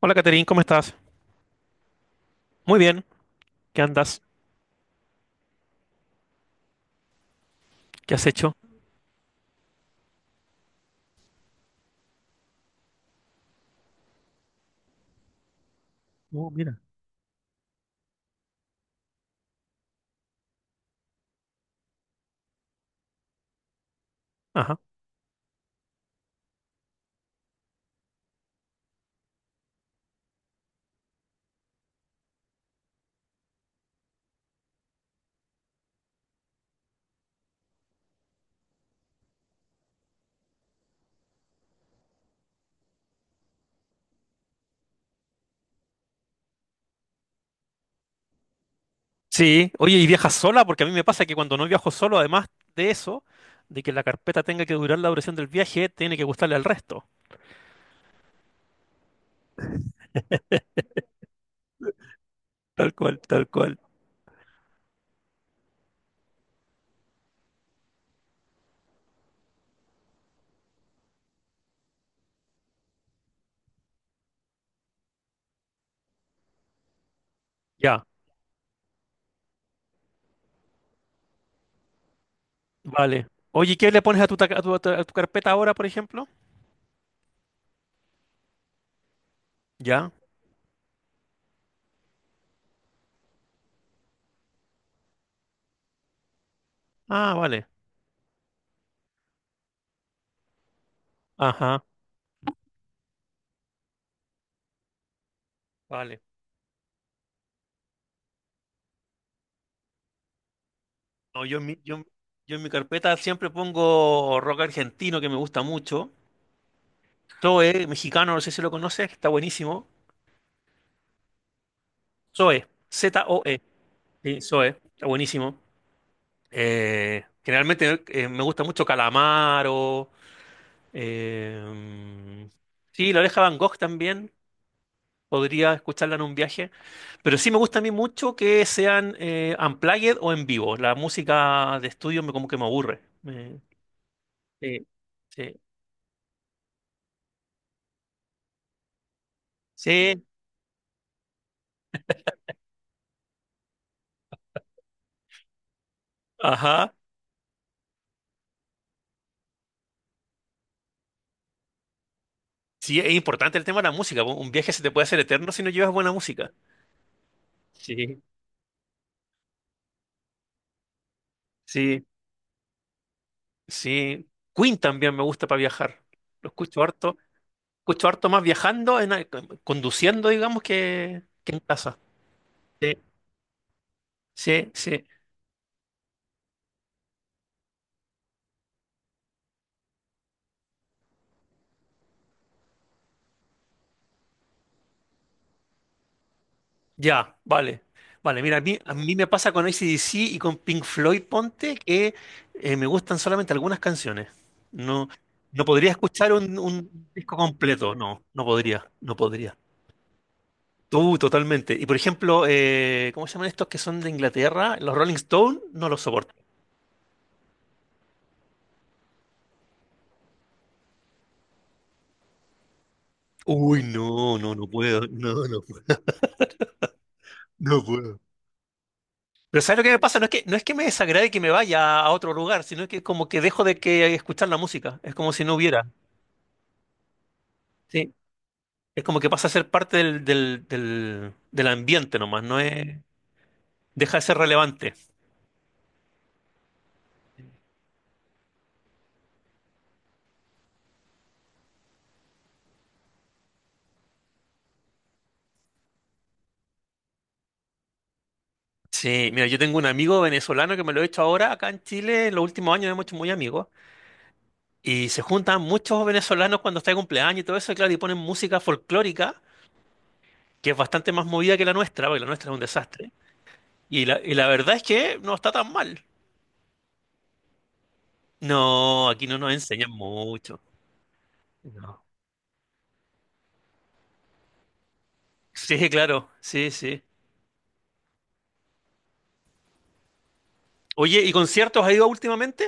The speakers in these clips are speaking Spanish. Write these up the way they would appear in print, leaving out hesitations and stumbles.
Hola, Caterín, ¿cómo estás? Muy bien, ¿qué andas? ¿Qué has hecho? Oh, mira. Ajá. Sí, oye, ¿y viajas sola? Porque a mí me pasa que cuando no viajo solo, además de eso, de que la carpeta tenga que durar la duración del viaje, tiene que gustarle al resto. Tal cual, tal cual. Ya, vale. Oye, ¿qué le pones a tu, ta- a tu, a tu- a tu carpeta ahora, por ejemplo? Ya. Ah, vale. Ajá, vale. No, yo en mi carpeta siempre pongo rock argentino, que me gusta mucho. Zoe, mexicano, no sé si lo conoces, está buenísimo. Zoe, Zoe. Sí, Zoe, está buenísimo. Generalmente me gusta mucho Calamaro. eh, sí, La Oreja de Van Gogh también. Podría escucharla en un viaje. Pero sí me gusta a mí mucho que sean unplugged o en vivo. La música de estudio me como que me aburre. Sí, sí. Sí, ajá. Sí, es importante el tema de la música. Un viaje se te puede hacer eterno si no llevas buena música. Sí, sí, sí. Queen también me gusta para viajar. Lo escucho harto. Escucho harto más viajando, conduciendo, digamos, que en casa. Sí. Sí, sí, ya, vale. Vale, mira, a mí me pasa con CDC y con Pink Floyd, ponte, que me gustan solamente algunas canciones. No, no podría escuchar un disco completo, no, no podría, no podría. Tú, totalmente. Y por ejemplo, ¿cómo se llaman estos que son de Inglaterra? Los Rolling Stones, no los soporto. Uy, no, no, no puedo, no, no, puedo, no puedo. Pero ¿sabes lo que me pasa? No es que me desagrade que me vaya a otro lugar, sino que es como que dejo de que escuchar la música. Es como si no hubiera. Sí. Es como que pasa a ser parte del ambiente nomás, no es, deja de ser relevante. Sí, mira, yo tengo un amigo venezolano que me lo he hecho ahora acá en Chile, en los últimos años hemos hecho muy amigos, y se juntan muchos venezolanos cuando está de cumpleaños y todo eso, y claro, y ponen música folclórica, que es bastante más movida que la nuestra, porque la nuestra es un desastre. Y la verdad es que no está tan mal. No, aquí no nos enseñan mucho. No. Sí, claro, sí, sí. Oye, ¿y conciertos has ido últimamente?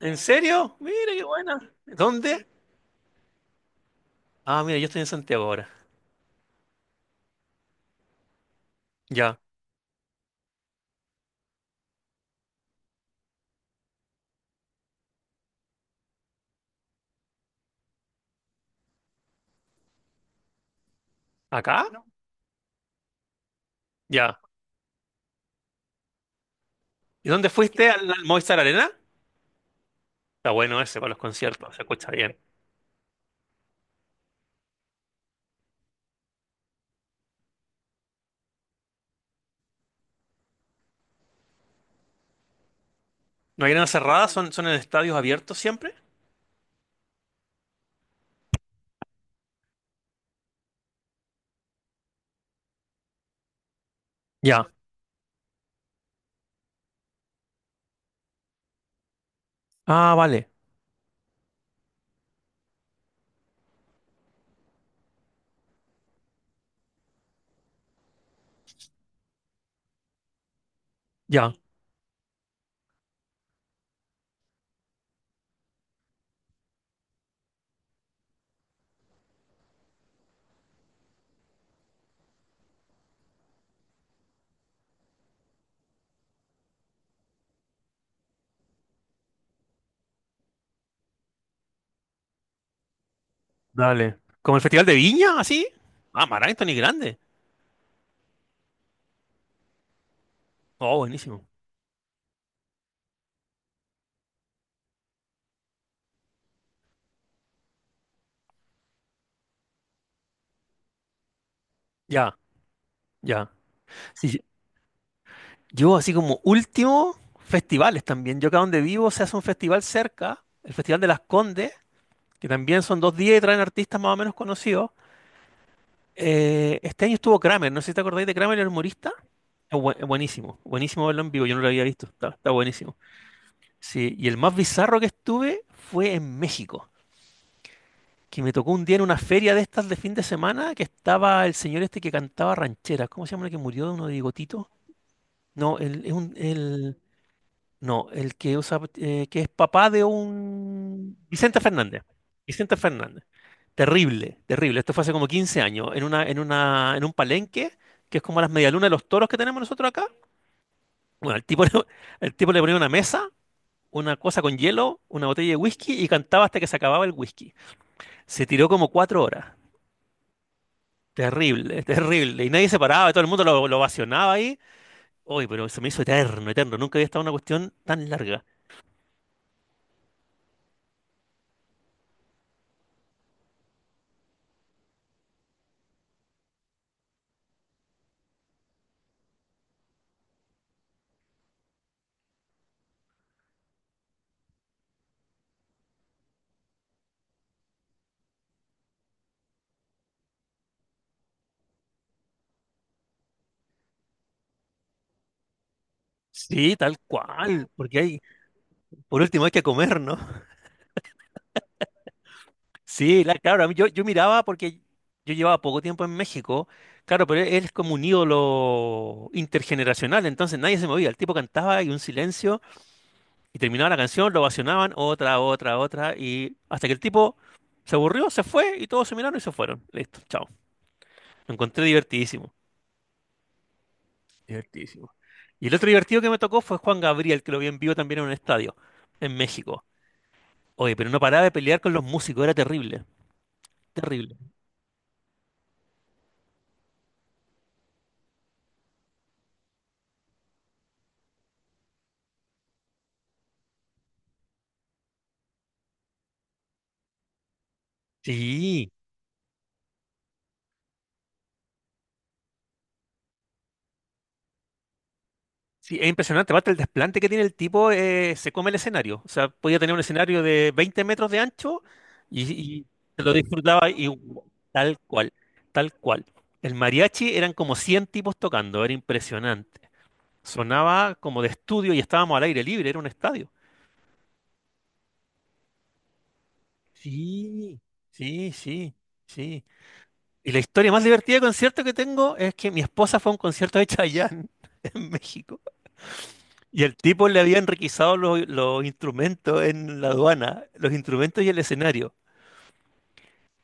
¿En serio? Mira, qué buena. ¿Dónde? Ah, mira, yo estoy en Santiago ahora. Ya. ¿Acá? No. Ya. ¿Y dónde fuiste? ¿Al Movistar Arena? Está bueno ese para los conciertos, se escucha bien. ¿No hay arenas cerradas? Sí. ¿Son en estadios abiertos siempre? Ya. Ah, vale. Ya. Dale. ¿Como el Festival de Viña, así? Ah, Maranhão es grande. Oh, buenísimo. Ya, ya. Sí, sí. Yo así como último, festivales también. Yo acá donde vivo se hace un festival cerca, el Festival de las Condes, que también son dos días y traen artistas más o menos conocidos. Este año estuvo Kramer, no sé si te acordáis de Kramer, el humorista. Es buenísimo, buenísimo verlo en vivo, yo no lo había visto, está, está buenísimo. Sí, y el más bizarro que estuve fue en México, que me tocó un día en una feria de estas de fin de semana que estaba el señor este que cantaba rancheras, ¿cómo se llama el que murió de uno de bigotito? No, el, es un- el, no, el que usa, que es papá de un Vicente Fernández. Vicente Fernández. Terrible, terrible. Esto fue hace como 15 años, en un palenque, que es como las medialunas de los toros que tenemos nosotros acá. Bueno, el tipo, el tipo le ponía una mesa, una cosa con hielo, una botella de whisky y cantaba hasta que se acababa el whisky. Se tiró como 4 horas. Terrible, terrible. Y nadie se paraba, todo el mundo lo ovacionaba ahí. Uy, pero se me hizo eterno, eterno. Nunca había estado en una cuestión tan larga. Sí, tal cual, porque hay, por último, hay que comer, ¿no? Sí, la- claro, a mí yo, yo miraba porque yo llevaba poco tiempo en México, claro, pero él es como un ídolo intergeneracional, entonces nadie se movía, el tipo cantaba y un silencio, y terminaba la canción, lo ovacionaban, otra, otra, otra, y hasta que el tipo se aburrió, se fue, y todos se miraron y se fueron. Listo, chao. Lo encontré divertidísimo, divertidísimo. Y el otro divertido que me tocó fue Juan Gabriel, que lo vi en vivo también en un estadio, en México. Oye, pero no paraba de pelear con los músicos, era terrible, terrible. Sí. Sí, es impresionante. Aparte, el desplante que tiene el tipo se come el escenario. O sea, podía tener un escenario de 20 metros de ancho y se lo disfrutaba y tal cual, tal cual. El mariachi eran como 100 tipos tocando, era impresionante. Sonaba como de estudio y estábamos al aire libre, era un estadio. Sí, sí, sí, sí. Y la historia más divertida de concierto que tengo es que mi esposa fue a un concierto de Chayanne en México. Y el tipo le había enriquizado los instrumentos en la aduana, los instrumentos y el escenario.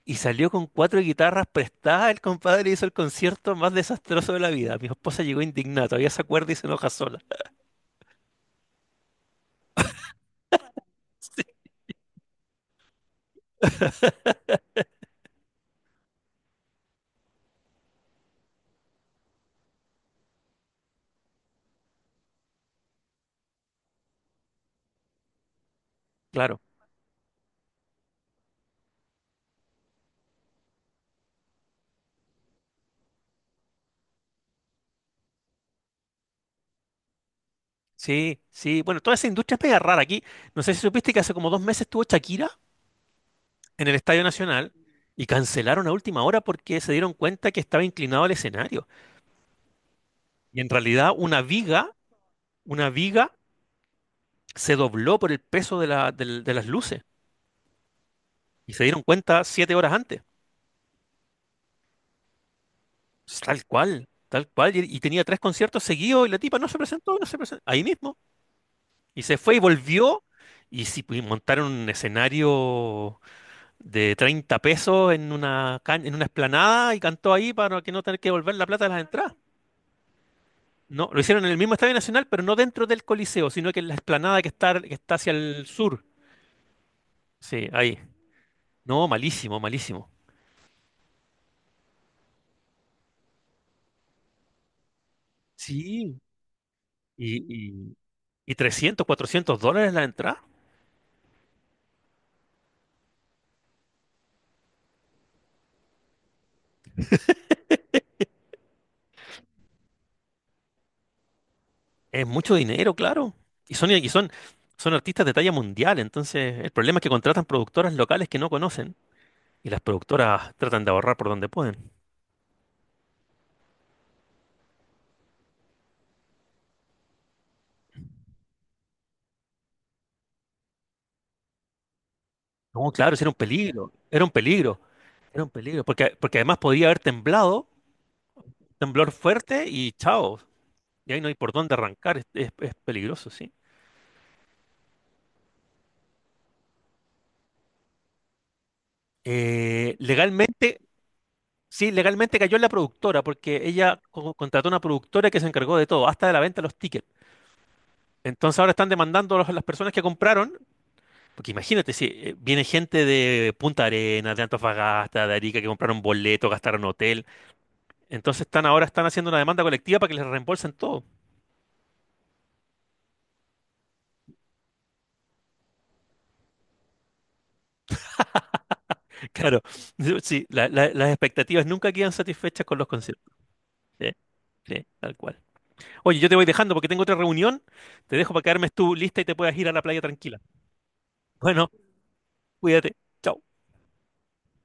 Y salió con 4 guitarras prestadas. El compadre hizo el concierto más desastroso de la vida. Mi esposa llegó indignada, todavía se acuerda y se enoja sola. Claro, sí, sí. Bueno, toda esa industria es mega rara aquí. No sé si supiste que hace como 2 meses estuvo Shakira en el Estadio Nacional y cancelaron a última hora porque se dieron cuenta que estaba inclinado al escenario. Y en realidad una viga se dobló por el peso de las luces. Y se dieron cuenta 7 horas antes. Tal cual, tal cual. Y tenía 3 conciertos seguidos y la tipa no se presentó, no se presentó. Ahí mismo. Y se fue y volvió. Y sí, pues, montaron un escenario de 30 pesos en una, en una explanada y cantó ahí para que no tener que devolver la plata de las entradas. No, lo hicieron en el mismo Estadio Nacional, pero no dentro del Coliseo, sino que en la explanada que está hacia el sur. Sí, ahí. No, malísimo, malísimo. Sí. Y, y, y 300, $400 la entrada. Es mucho dinero, claro. Y son, y son, son artistas de talla mundial, entonces el problema es que contratan productoras locales que no conocen y las productoras tratan de ahorrar por donde pueden. No, claro, eso era un peligro, era un peligro, era un peligro, porque, porque además podría haber temblado, temblor fuerte y chao, y ahí no hay por dónde arrancar, es, es peligroso, sí. Legalmente, sí, legalmente cayó en la productora, porque ella contrató una productora que se encargó de todo, hasta de la venta de los tickets. Entonces ahora están demandando a las personas que compraron. Porque imagínate, si viene gente de Punta Arenas, de Antofagasta, de Arica, que compraron boleto, gastaron hotel. Entonces están ahora están haciendo una demanda colectiva para que les reembolsen todo. Claro, sí, las expectativas nunca quedan satisfechas con los conciertos. Sí, sí, tal cual. Oye, yo te voy dejando porque tengo otra reunión. Te dejo para que armes tu lista y te puedas ir a la playa tranquila. Bueno, cuídate. Chao.